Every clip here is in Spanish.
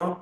Hey,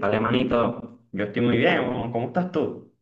vale, manito, yo estoy muy bien, ¿no? ¿Cómo estás tú?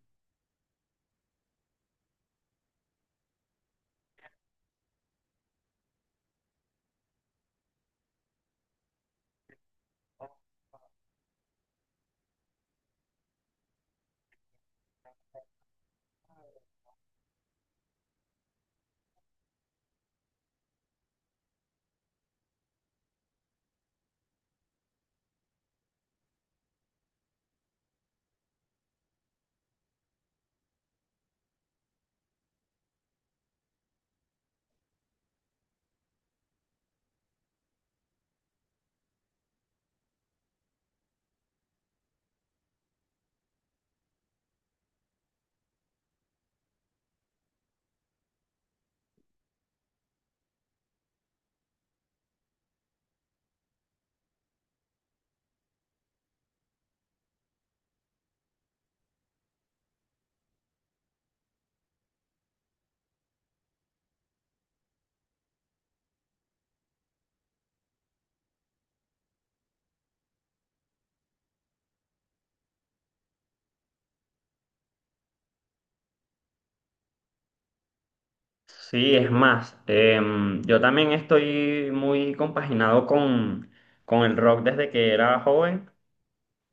Sí, es más, yo también estoy muy compaginado con el rock desde que era joven,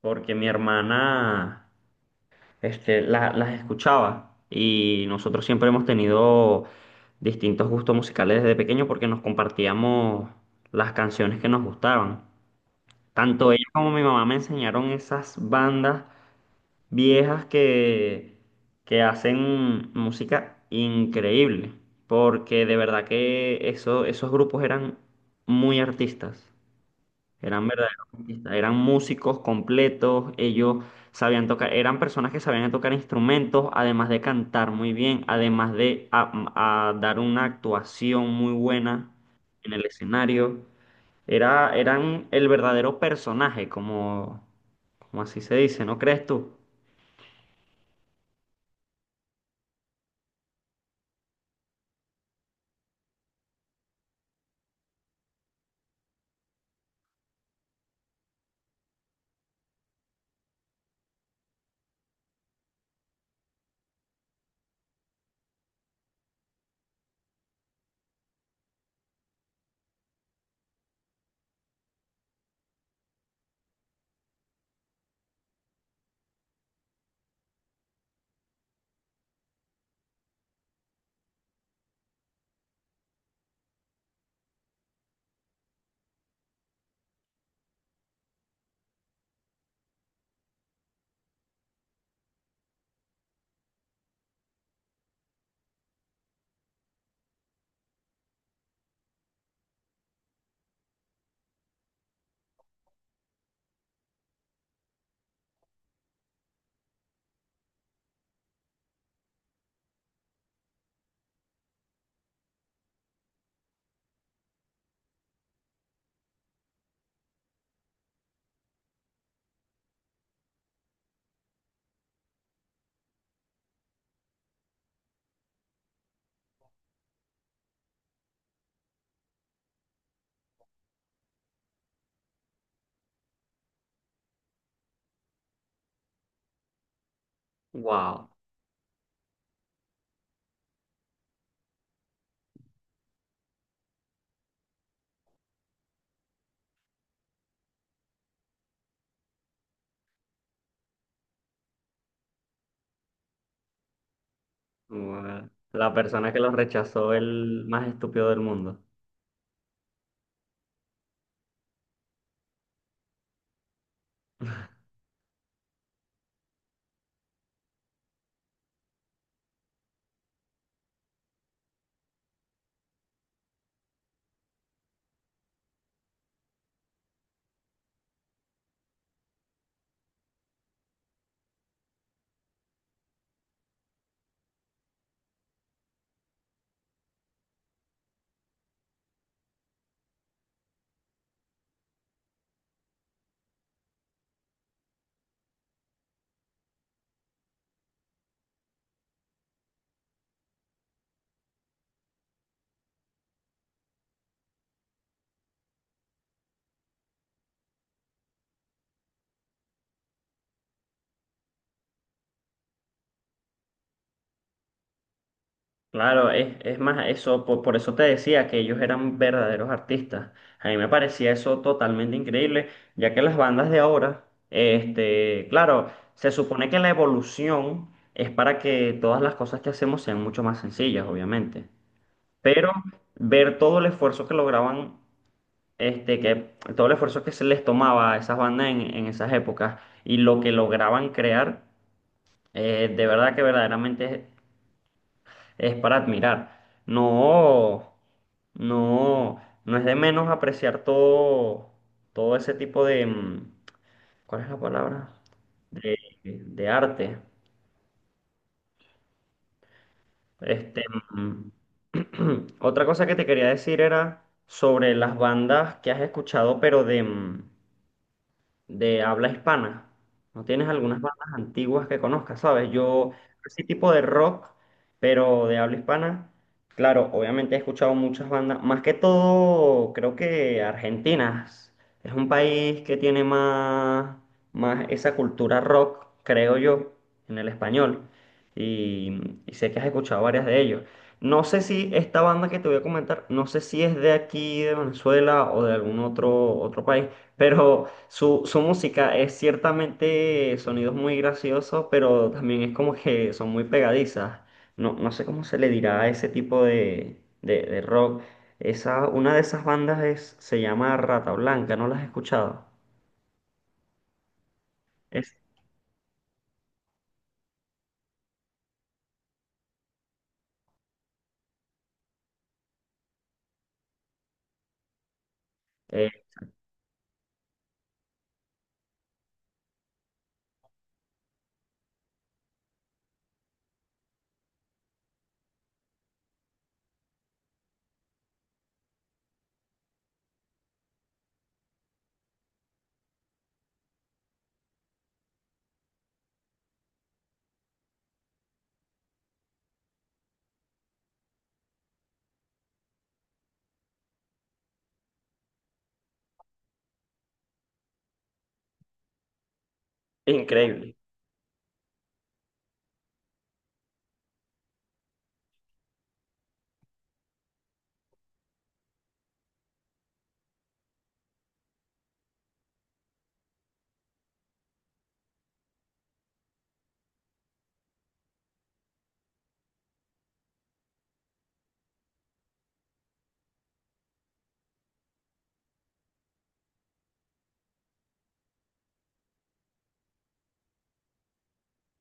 porque mi hermana las escuchaba y nosotros siempre hemos tenido distintos gustos musicales desde pequeño porque nos compartíamos las canciones que nos gustaban. Tanto ella como mi mamá me enseñaron esas bandas viejas que hacen música increíble, porque de verdad que esos grupos eran muy artistas, eran verdaderos artistas, eran músicos completos. Ellos sabían tocar, eran personas que sabían tocar instrumentos, además de cantar muy bien, además de a dar una actuación muy buena en el escenario. Eran el verdadero personaje, como, como así se dice, ¿no crees tú? Wow. Bueno, la persona que los rechazó, el más estúpido del mundo. Claro, es más, eso, por eso te decía que ellos eran verdaderos artistas. A mí me parecía eso totalmente increíble, ya que las bandas de ahora, este, claro, se supone que la evolución es para que todas las cosas que hacemos sean mucho más sencillas, obviamente. Pero ver todo el esfuerzo que lograban, este, que todo el esfuerzo que se les tomaba a esas bandas en esas épocas y lo que lograban crear. De verdad que verdaderamente es para admirar. No, no, no es de menos apreciar todo, todo ese tipo de, ¿cuál es la palabra? De, de arte. Este, mm, otra cosa que te quería decir era sobre las bandas que has escuchado, pero de, de habla hispana. ¿No tienes algunas bandas antiguas que conozcas, sabes? Yo, ese tipo de rock, pero de habla hispana, claro, obviamente he escuchado muchas bandas, más que todo, creo que argentinas. Es un país que tiene más, más esa cultura rock, creo yo, en el español. Y sé que has escuchado varias de ellos. No sé si esta banda que te voy a comentar, no sé si es de aquí, de Venezuela o de algún otro país, pero su música es ciertamente sonidos muy graciosos, pero también es como que son muy pegadizas. No, no sé cómo se le dirá a ese tipo de rock. Esa, una de esas bandas es, se llama Rata Blanca, ¿no las has escuchado? Es eh, increíble.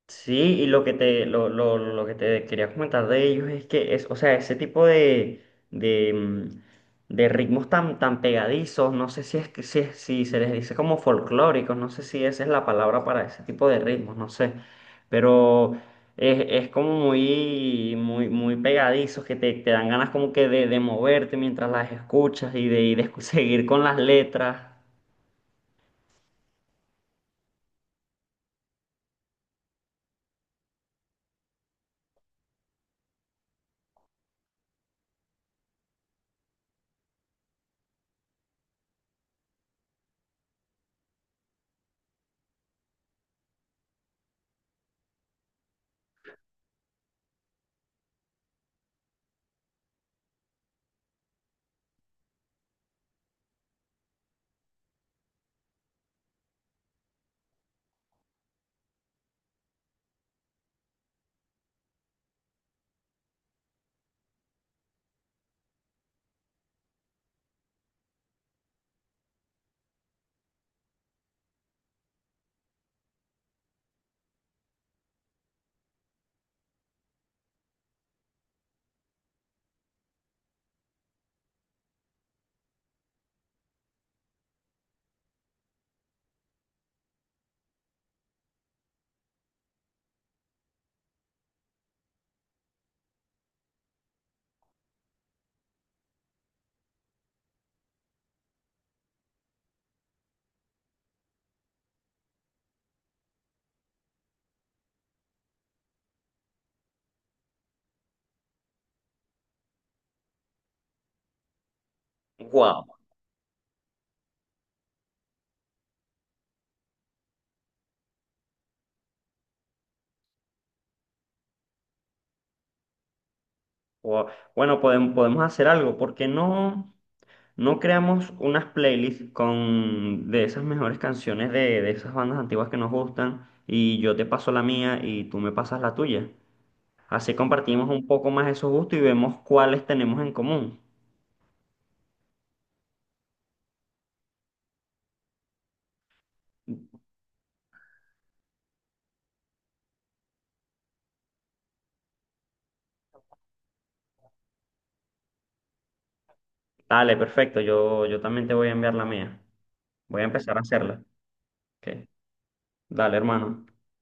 Sí, y lo que te quería comentar de ellos es que es, o sea, ese tipo de, de ritmos tan, tan pegadizos, no sé si es que si, si se les dice como folclóricos, no sé si esa es la palabra para ese tipo de ritmos, no sé. Pero es como muy, muy, muy pegadizos que te dan ganas como que de moverte mientras las escuchas y de seguir con las letras. Wow. Bueno, podemos, podemos hacer algo, ¿por qué no? No creamos unas playlists con de esas mejores canciones de esas bandas antiguas que nos gustan y yo te paso la mía y tú me pasas la tuya. Así compartimos un poco más esos gustos y vemos cuáles tenemos en común. Dale, perfecto. Yo también te voy a enviar la mía. Voy a empezar a hacerla. Ok. Dale, hermano.